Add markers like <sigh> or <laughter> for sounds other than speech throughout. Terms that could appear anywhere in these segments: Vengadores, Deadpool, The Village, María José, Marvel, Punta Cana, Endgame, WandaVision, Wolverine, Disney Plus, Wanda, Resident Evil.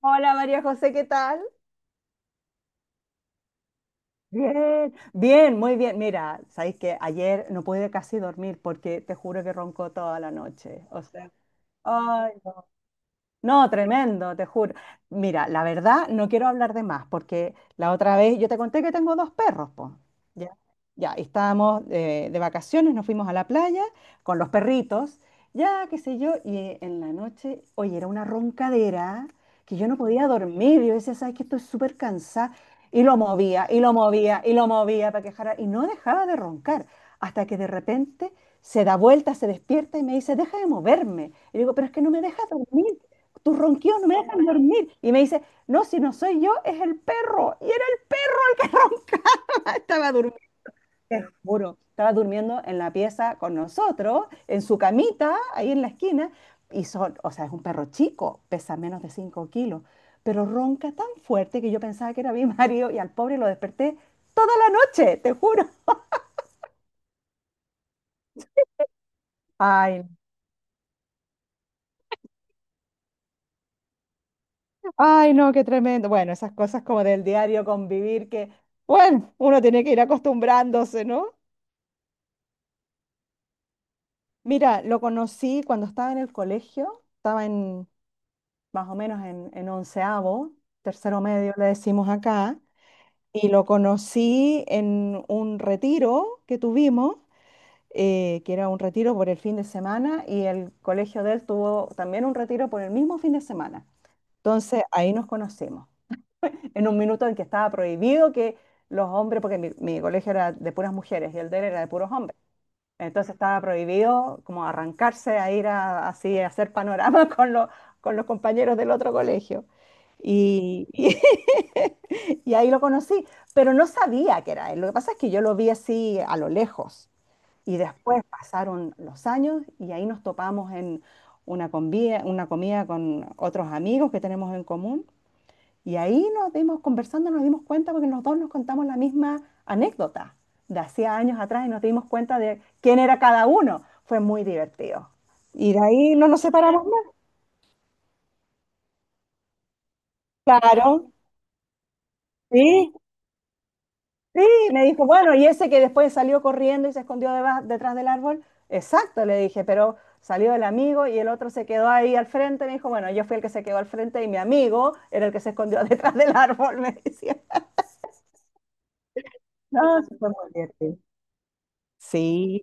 Hola María José, ¿qué tal? Bien, bien, muy bien. Mira, sabéis que ayer no pude casi dormir porque te juro que roncó toda la noche. O sea, ay. No, tremendo, te juro. Mira, la verdad no quiero hablar de más, porque la otra vez yo te conté que tengo dos perros, pues. Ya, ya, y estábamos de vacaciones, nos fuimos a la playa con los perritos, ya, qué sé yo, y en la noche, oye, era una roncadera que yo no podía dormir. Yo decía, ¿sabes que Estoy súper cansada. Y lo movía, y lo movía, y lo movía para que dejara, y no dejaba de roncar, hasta que de repente se da vuelta, se despierta y me dice, deja de moverme. Y digo, pero es que no me deja dormir, tus ronquidos no me dejan dormir. Y me dice, no, si no soy yo, es el perro. Y era el que <laughs> roncaba, estaba durmiendo, te juro, estaba durmiendo en la pieza con nosotros, en su camita, ahí en la esquina, y son, o sea, es un perro chico, pesa menos de 5 kilos, pero ronca tan fuerte que yo pensaba que era mi <laughs> marido y al pobre lo desperté toda la noche, te juro. Ay, ay, no, qué tremendo. Bueno, esas cosas como del diario convivir que, bueno, uno tiene que ir acostumbrándose, ¿no? Mira, lo conocí cuando estaba en el colegio, estaba en más o menos en onceavo, tercero medio le decimos acá, y lo conocí en un retiro que tuvimos, que era un retiro por el fin de semana, y el colegio de él tuvo también un retiro por el mismo fin de semana. Entonces ahí nos conocimos, en un minuto en que estaba prohibido que los hombres, porque mi colegio era de puras mujeres y el de él era de puros hombres. Entonces estaba prohibido como arrancarse a ir a, así a hacer panorama <laughs> con los compañeros del otro colegio. Y, y- <laughs> y ahí lo conocí, pero no sabía que era él. Lo que pasa es que yo lo vi así a lo lejos. Y después pasaron los años y ahí nos topamos en una comida con otros amigos que tenemos en común. Y ahí nos dimos, conversando, nos dimos cuenta porque los dos nos contamos la misma anécdota de hacía años atrás y nos dimos cuenta de quién era cada uno. Fue muy divertido. Y de ahí no nos separamos más. Claro, sí, sí, me dijo, bueno, ¿y ese que después salió corriendo y se escondió detrás del árbol? Exacto, le dije, pero salió el amigo y el otro se quedó ahí al frente, me dijo, bueno, yo fui el que se quedó al frente y mi amigo era el que se escondió <laughs> detrás del árbol, me decía. No, sí fue muy divertido. Sí,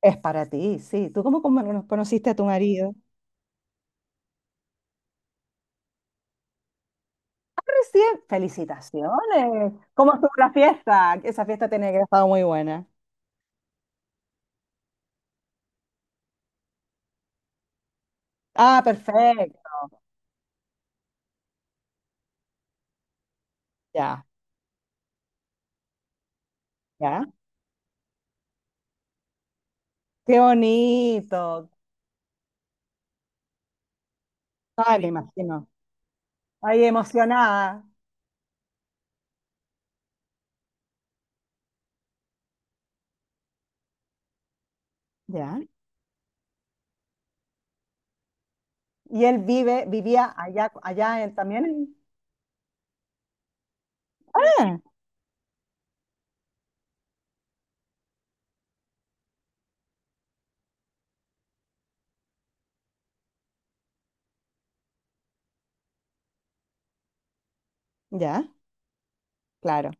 es para ti, sí. ¿Tú cómo, cómo no conociste a tu marido? Recién. Felicitaciones. ¿Cómo estuvo la fiesta? Esa fiesta tenía que haber estado muy buena. Ah, perfecto. Ya, ya. Qué bonito. Ay, me imagino. Ay, emocionada. Ya. Y él vive, vivía allá, allá también. Ah, ya, claro.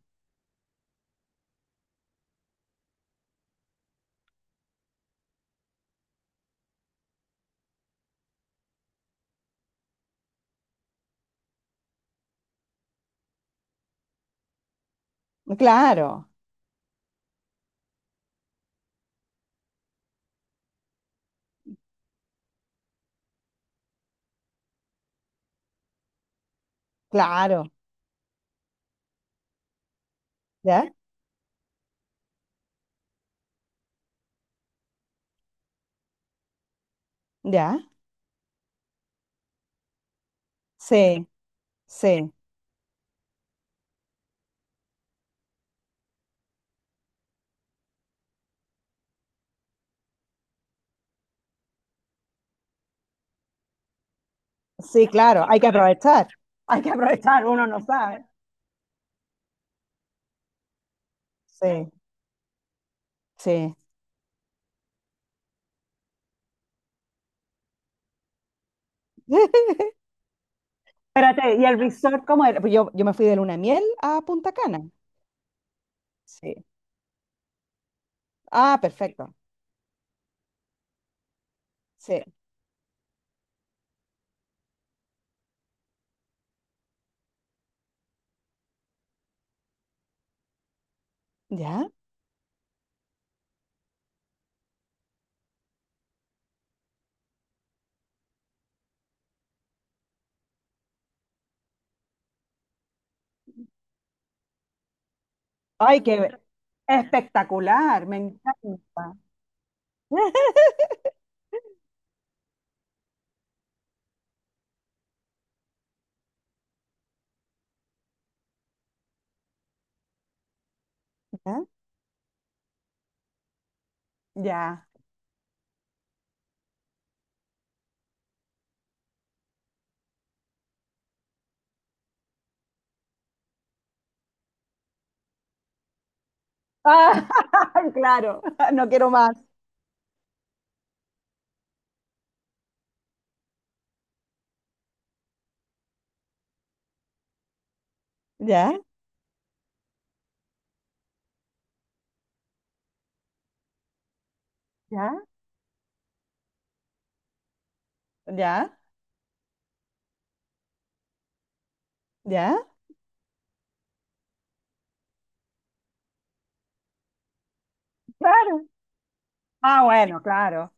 Claro, claro. Ya, ya. Sí, sí. Sí, claro. Hay que aprovechar. Hay que aprovechar, uno no sabe. Sí, sí. Espérate, ¿y el resort cómo era? Pues yo me fui de luna de miel a Punta Cana. Sí. Ah, perfecto. Sí. ¿Ya? Ay, qué espectacular, me encanta. <laughs> ¿Ya? Ya. Ah, <laughs> claro, no quiero más. ¿Ya? ¿Ya? ¿Ya? ¿Ya? Claro. Ah, bueno, claro.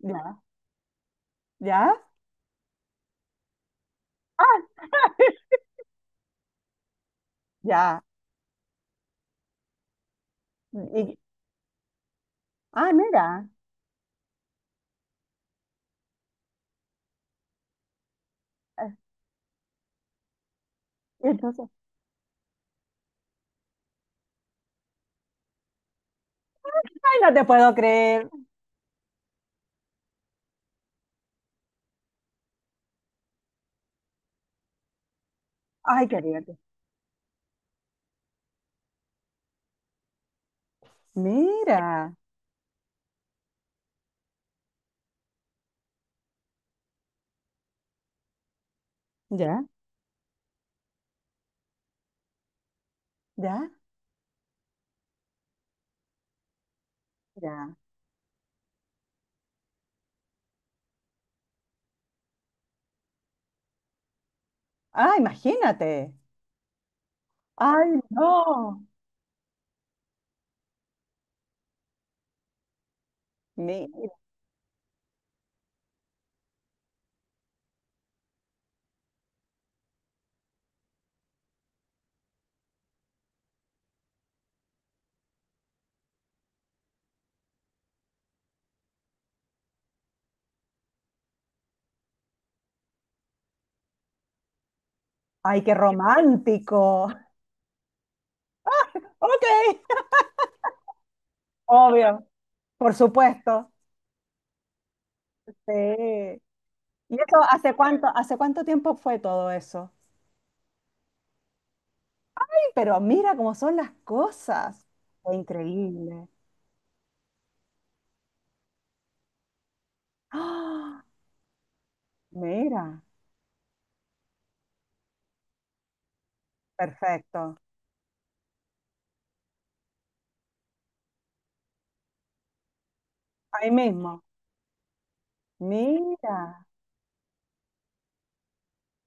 ¿Ya? ¿Ya? Ah, ya. Y- ah, mira. Eh, Entonces, ay, no te puedo creer. Ay, qué divertido. Mira. ¿Ya? ¿Ya? Mira. Ah, imagínate. Ay, no. Mira. Ay, qué romántico. <laughs> Ok. Obvio. Por supuesto. Sí. ¿Y eso hace cuánto tiempo fue todo eso? Sí, pero mira cómo son las cosas. Fue increíble. <gasps> ¡Ah! Mira. Perfecto. Ahí mismo. Mira.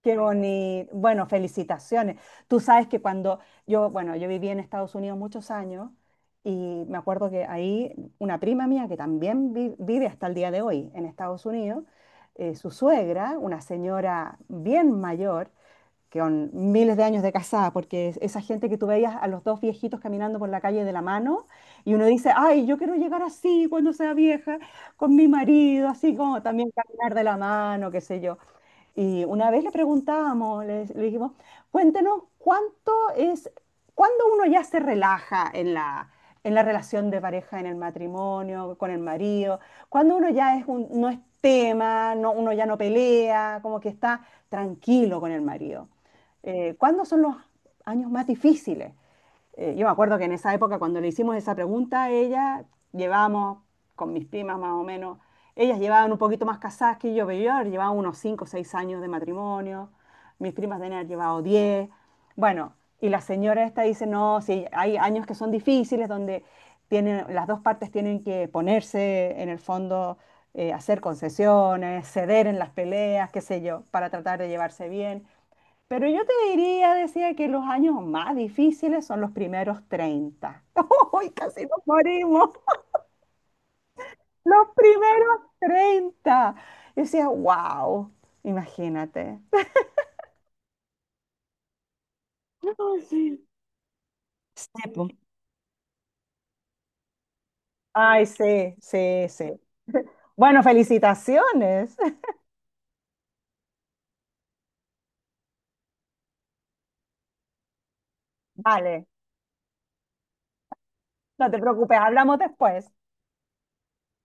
Qué bonito. Bueno, felicitaciones. Tú sabes que cuando yo, bueno, yo viví en Estados Unidos muchos años y me acuerdo que ahí una prima mía que también vive hasta el día de hoy en Estados Unidos, su suegra, una señora bien mayor, que con miles de años de casada, porque esa gente que tú veías a los dos viejitos caminando por la calle de la mano y uno dice, ay, yo quiero llegar así cuando sea vieja, con mi marido, así como también caminar de la mano, qué sé yo. Y una vez le preguntábamos, le dijimos, cuéntenos cuánto es, cuándo uno ya se relaja en la relación de pareja, en el matrimonio, con el marido, cuando uno ya no es tema, no, uno ya no pelea, como que está tranquilo con el marido. ¿Cuándo son los años más difíciles? Yo me acuerdo que en esa época, cuando le hicimos esa pregunta, ella llevábamos, con mis primas más o menos, ellas llevaban un poquito más casadas que yo, pero yo llevaba unos 5 o 6 años de matrimonio, mis primas deben haber llevado 10. Bueno, y la señora esta dice, no, sí, hay años que son difíciles donde tienen, las dos partes tienen que ponerse en el fondo, hacer concesiones, ceder en las peleas, qué sé yo, para tratar de llevarse bien. Pero yo te diría, decía que los años más difíciles son los primeros 30. <laughs> ¡Uy, casi nos morimos! <laughs> Los primeros 30. Yo decía, wow, imagínate. Sí, po. Ay, sí, sí, sí. Bueno, felicitaciones. <laughs> Vale, no te preocupes, hablamos después.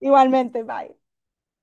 Igualmente, bye.